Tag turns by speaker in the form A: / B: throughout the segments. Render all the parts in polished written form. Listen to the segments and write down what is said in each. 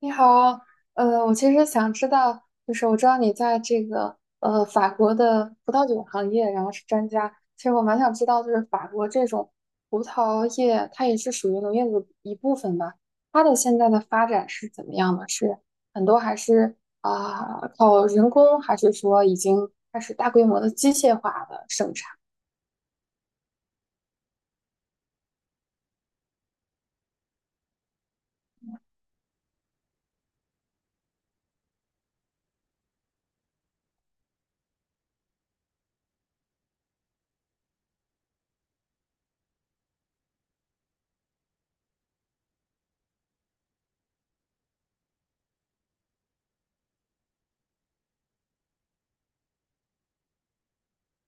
A: 你好，我其实想知道，就是我知道你在这个法国的葡萄酒行业，然后是专家。其实我蛮想知道，就是法国这种葡萄业，它也是属于农业的一部分吧？它的现在的发展是怎么样的？是很多还是靠人工，还是说已经开始大规模的机械化的生产？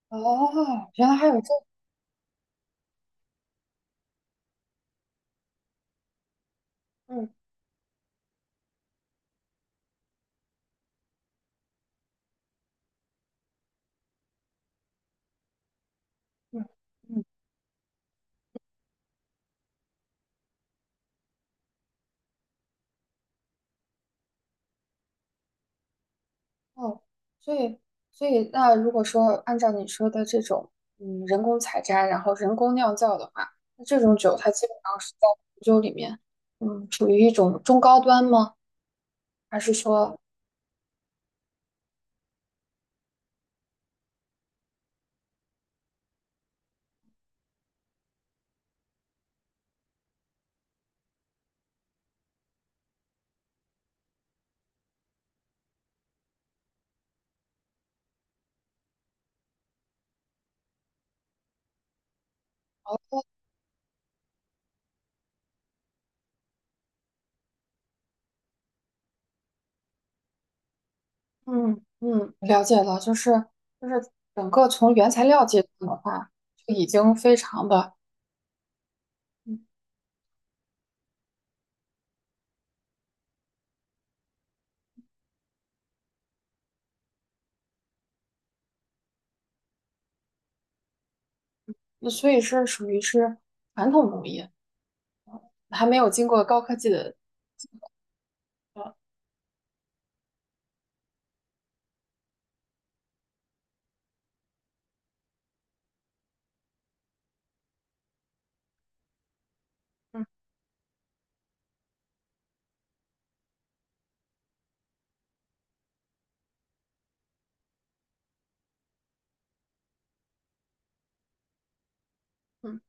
A: 哦，原来还有这，嗯嗯。哦，所以，所以那如果说按照你说的这种，嗯，人工采摘，然后人工酿造的话，那这种酒它基本上是在红酒里面，嗯，处于一种中高端吗？还是说，嗯嗯，了解了，就是整个从原材料阶段的话，就已经非常的，嗯，那所以是属于是传统工艺，还没有经过高科技的，嗯嗯。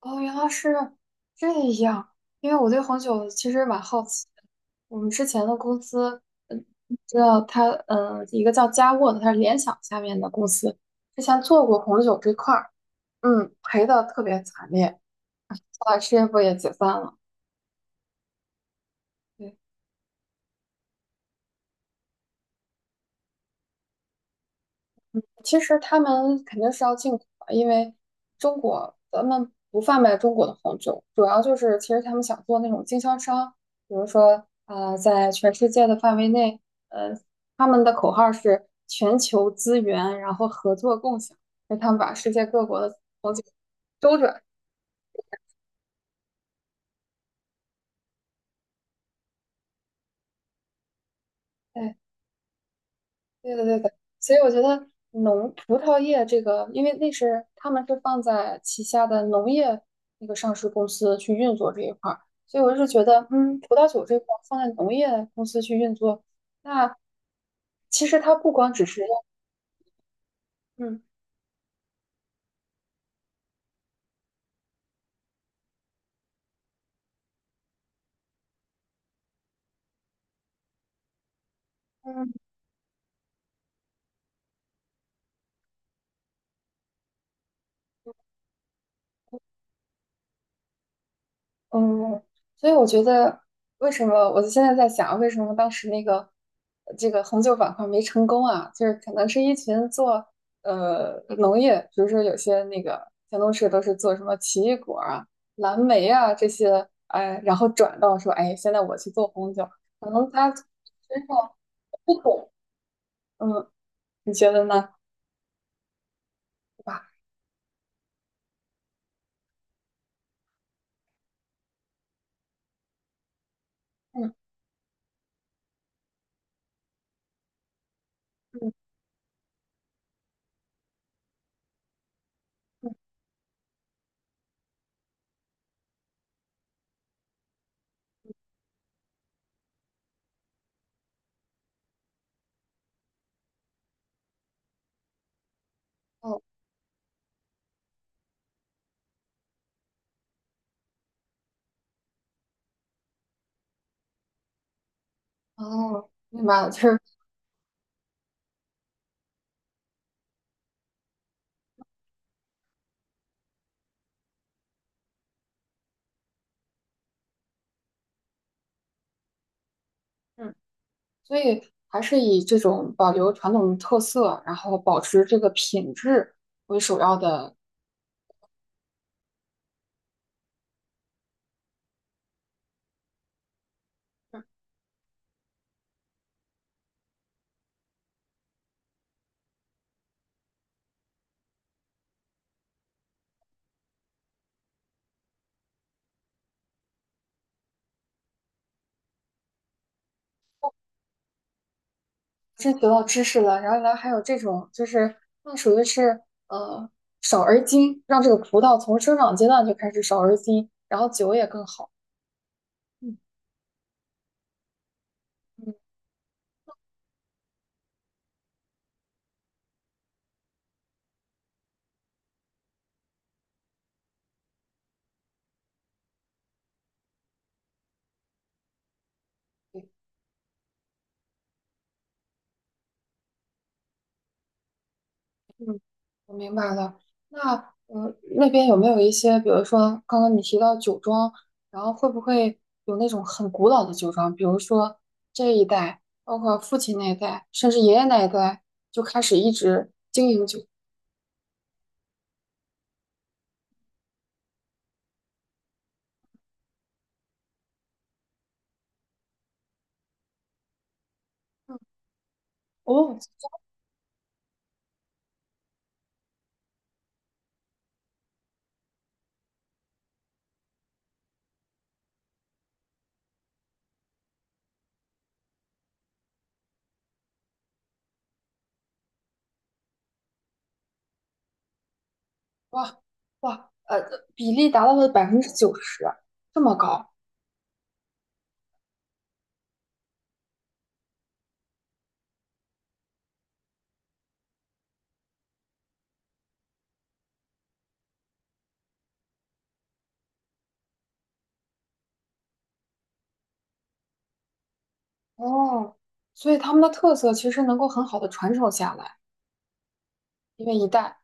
A: 哦，原来是这样。因为我对红酒其实蛮好奇的。我们之前的公司，嗯，知道它，嗯，一个叫佳沃的，它是联想下面的公司，之前做过红酒这块儿，嗯，赔的特别惨烈。后来事业部也解散了。对，其实他们肯定是要进口的，因为中国咱们不贩卖中国的红酒，主要就是其实他们想做那种经销商，比如说在全世界的范围内，呃，他们的口号是全球资源，然后合作共享，所以他们把世界各国的红酒周转。哎，对的，对的，所以我觉得农葡萄业这个，因为那是他们是放在旗下的农业那个上市公司去运作这一块儿，所以我是觉得，嗯，葡萄酒这块儿放在农业公司去运作，那其实它不光只是要，嗯嗯。嗯，所以我觉得，为什么我现在在想，为什么当时那个这个红酒板块没成功啊？就是可能是一群做农业，比如说有些那个前同事都是做什么奇异果啊、蓝莓啊这些，哎，然后转到说，哎，现在我去做红酒，可能他身上不懂，嗯，你觉得呢？对吧？嗯嗯。嗯，哦哦，明白了，就是。嗯。所以还是以这种保留传统特色，然后保持这个品质为首要的。真得到知识了，然后呢，还有这种就是那属于是呃少而精，让这个葡萄从生长阶段就开始少而精，然后酒也更好。嗯嗯，对。我明白了。那那边有没有一些，比如说刚刚你提到酒庄，然后会不会有那种很古老的酒庄？比如说这一代，包括父亲那一代，甚至爷爷那一代，就开始一直经营酒。嗯，哦，哇哇，比例达到了90%，这么高哦。所以他们的特色其实能够很好的传承下来，因为一代。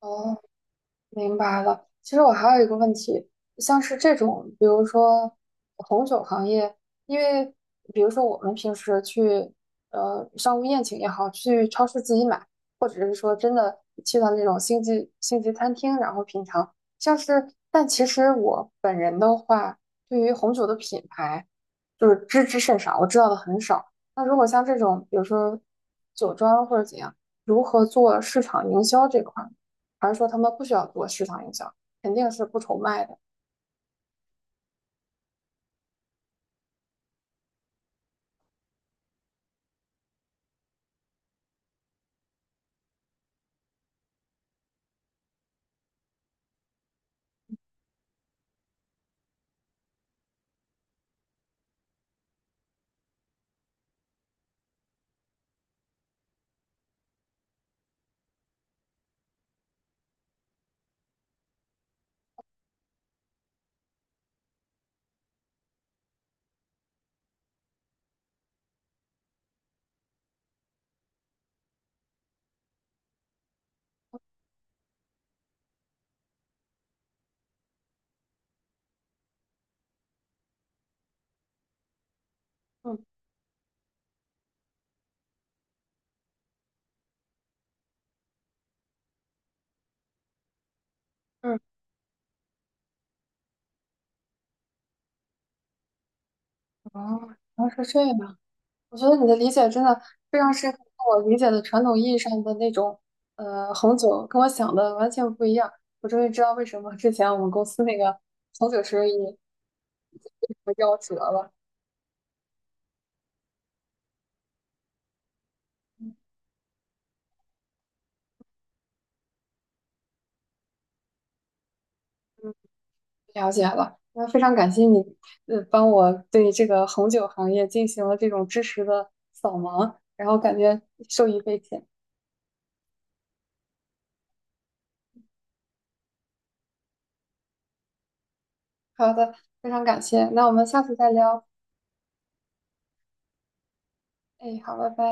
A: 哦，明白了。其实我还有一个问题，像是这种，比如说红酒行业，因为比如说我们平时去商务宴请也好，去超市自己买，或者是说真的去到那种星级餐厅，然后品尝，像是，但其实我本人的话，对于红酒的品牌就是知之甚少，我知道的很少。那如果像这种，比如说酒庄或者怎样，如何做市场营销这块儿？还是说他们不需要做市场营销，肯定是不愁卖的。嗯嗯，哦，原来是这样。我觉得你的理解真的非常适合我理解的传统意义上的那种红酒，跟我想的完全不一样。我终于知道为什么之前我们公司那个红酒生意我夭折了，了解了。那非常感谢你，帮我对这个红酒行业进行了这种知识的扫盲，然后感觉受益匪浅。好的，非常感谢，那我们下次再聊。哎，好，拜拜。